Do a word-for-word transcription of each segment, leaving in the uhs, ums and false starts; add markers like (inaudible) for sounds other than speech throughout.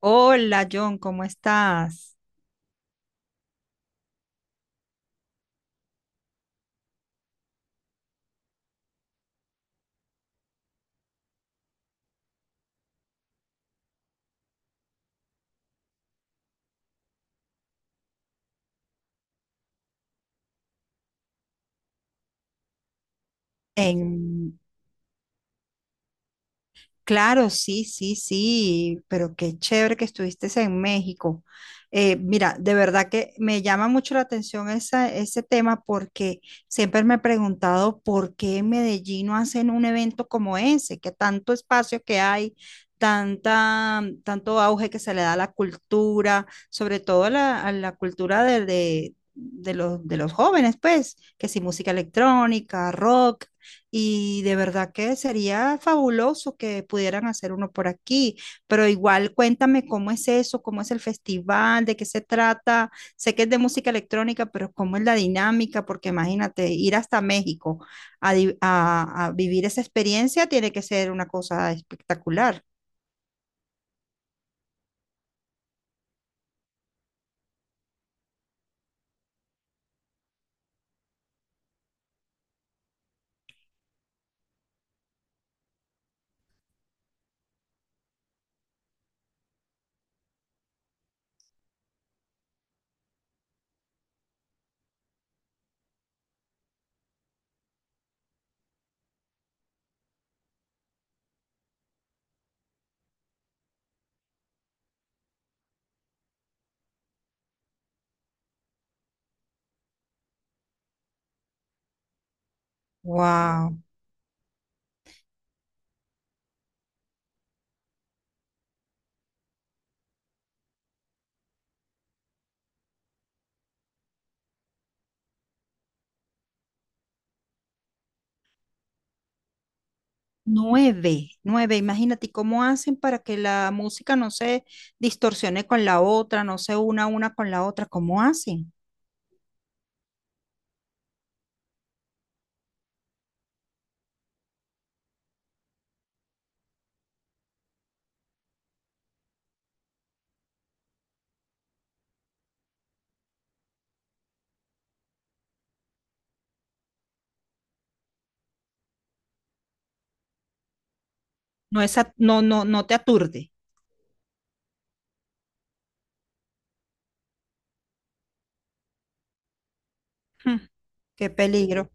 Hola John, ¿cómo estás? En... Claro, sí, sí, sí, pero qué chévere que estuviste en México. Eh, mira, de verdad que me llama mucho la atención esa- ese tema porque siempre me he preguntado por qué en Medellín no hacen un evento como ese, que tanto espacio que hay, tanta, tanto auge que se le da a la cultura, sobre todo a la, a la cultura de, de- de los, de los jóvenes, pues, que si música electrónica, rock. Y de verdad que sería fabuloso que pudieran hacer uno por aquí, pero igual cuéntame cómo es eso, cómo es el festival, de qué se trata. Sé que es de música electrónica, pero cómo es la dinámica, porque imagínate, ir hasta México a, di- a- a vivir esa experiencia tiene que ser una cosa espectacular. Wow. Nueve, nueve, imagínate, ¿y cómo hacen para que la música no se distorsione con la otra, no se una una con la otra? ¿Cómo hacen? No es, a- no, no, no te aturde. Hmm, qué peligro.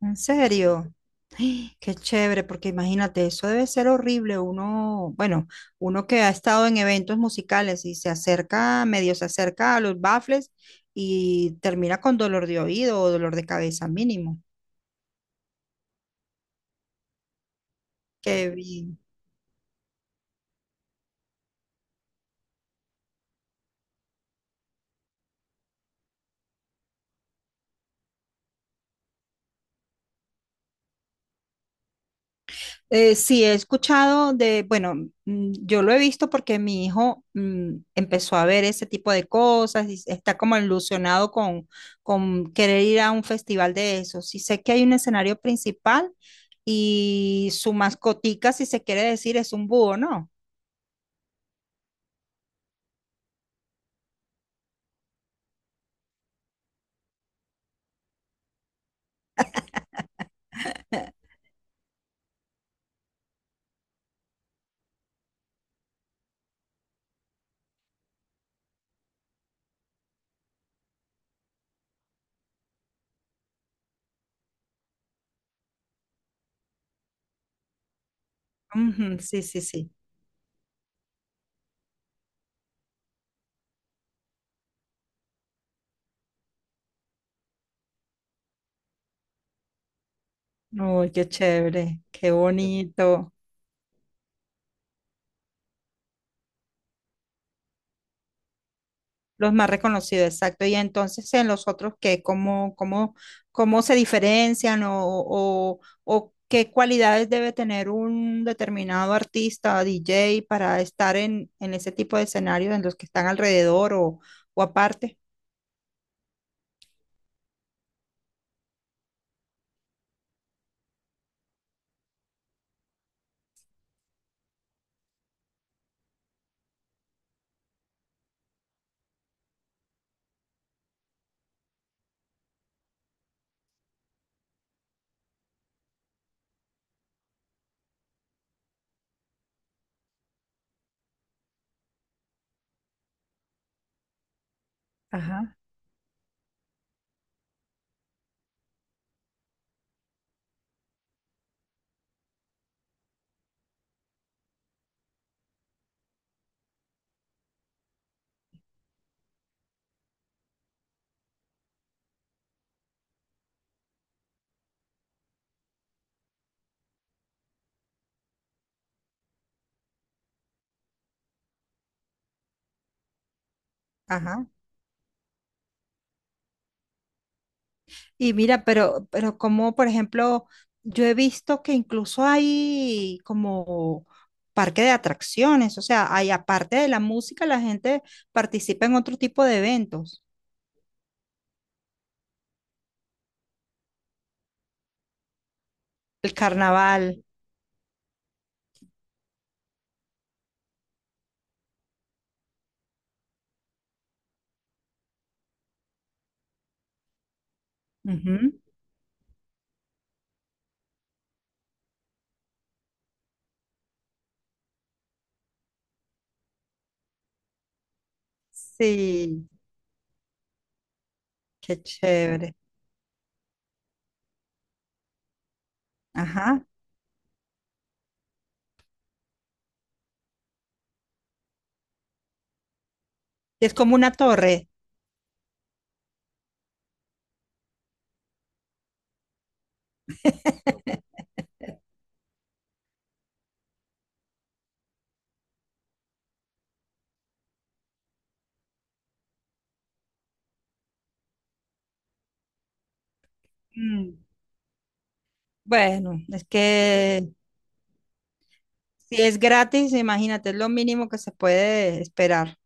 En serio. (gasps) ¡Ay! Qué chévere, porque imagínate, eso debe ser horrible. Uno, bueno, uno que ha estado en eventos musicales y se acerca, medio se acerca a los baffles y termina con dolor de oído o dolor de cabeza mínimo. Qué bien. Eh, sí, he escuchado de, bueno, mm, yo lo he visto porque mi hijo mm, empezó a ver ese tipo de cosas y s- está como ilusionado con, con querer ir a un festival de eso. Sí sé que hay un escenario principal y su mascotica, si se quiere decir, es un búho, ¿no? (laughs) Ujú, sí, sí, sí. Uy, qué chévere, qué bonito. Los más reconocidos, exacto. Y entonces en los otros, ¿qué? ¿Cómo, cómo, cómo se diferencian o, o, o qué cualidades debe tener un determinado artista, D J, para estar en, en ese tipo de escenarios en los que están alrededor o, o aparte? Ajá. Ajá. Y mira, pero, pero como por ejemplo, yo he visto que incluso hay como parque de atracciones, o sea, hay aparte de la música, la gente participa en otro tipo de eventos, el carnaval. Ujú. Sí, qué chévere. Ajá. Es como una torre. (laughs) Mm. Bueno, es que si es gratis, imagínate, es lo mínimo que se puede esperar.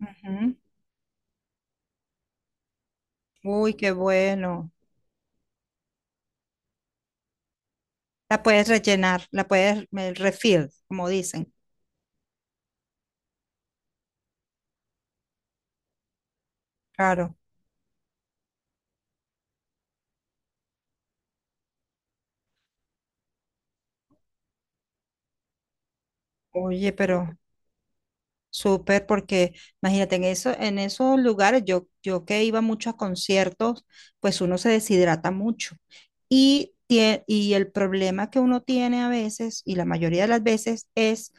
Ujú. Uy, qué bueno. La puedes rellenar, la puedes me- refill, como dicen. Claro. Oye, pero súper, porque imagínate, en eso, en esos lugares, yo, yo que iba mucho a conciertos, pues uno se deshidrata mucho. Y, tie- y el problema que uno tiene a veces, y la mayoría de las veces, es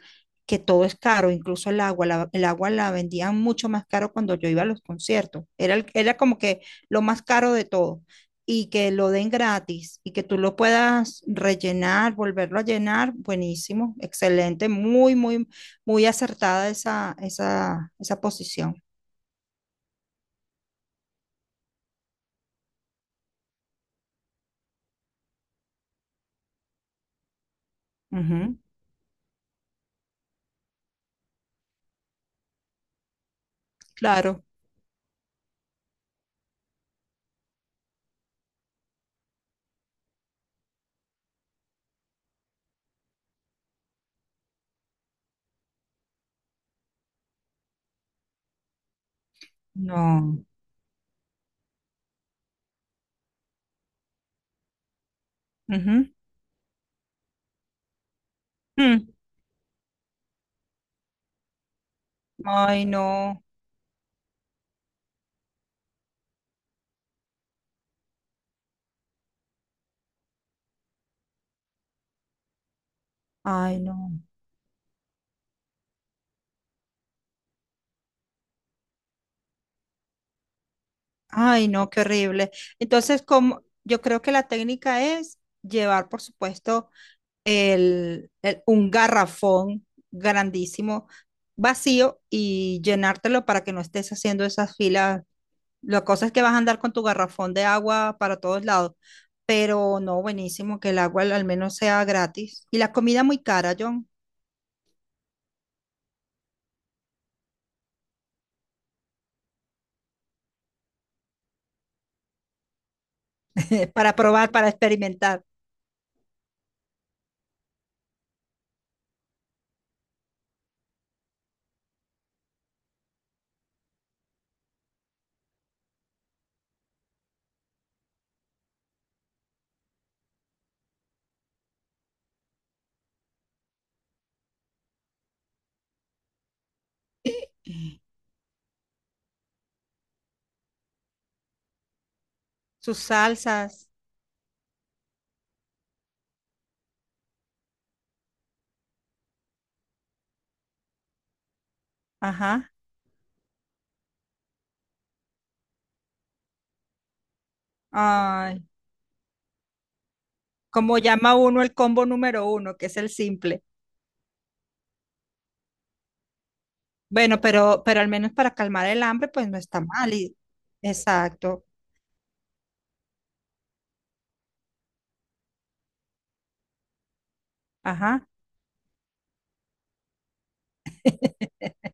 que todo es caro, incluso el agua. La- el agua la vendían mucho más caro cuando yo iba a los conciertos. Era, el- era como que lo más caro de todo. Y que lo den gratis y que tú lo puedas rellenar, volverlo a llenar, buenísimo, excelente, muy, muy. Muy acertada esa, esa, esa posición. Ujú. Claro. No. Ujú. Mm. Ay, no. Ay, no. Ay, no, qué horrible. Entonces, como yo creo que la técnica es llevar, por supuesto, el, el- un garrafón grandísimo, vacío, y llenártelo para que no estés haciendo esas filas. La cosa es que vas a andar con tu garrafón de agua para todos lados. Pero no, buenísimo que el agua al al menos sea gratis. Y la comida muy cara, John, (laughs) para probar, para experimentar sus salsas. Ajá. Ay, como llama uno el combo número uno, que es el simple. Bueno, pero, pero al menos para calmar el hambre, pues no está mal. Y, exacto. Ajá. (laughs)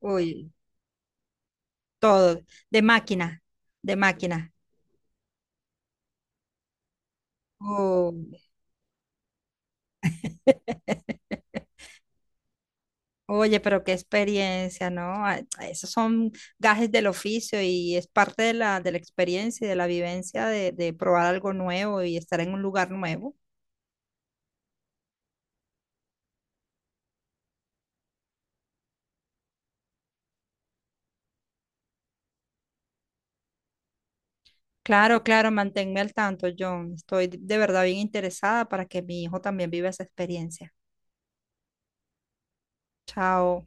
Uy, todo. De máquina, de máquina. Uy. Oye, pero qué experiencia, ¿no? Ah, esos son gajes del oficio y es parte de la, de la experiencia y de la vivencia de, de probar algo nuevo y estar en un lugar nuevo. Claro, claro, manténme al tanto, John. Estoy de verdad bien interesada para que mi hijo también viva esa experiencia. Chao.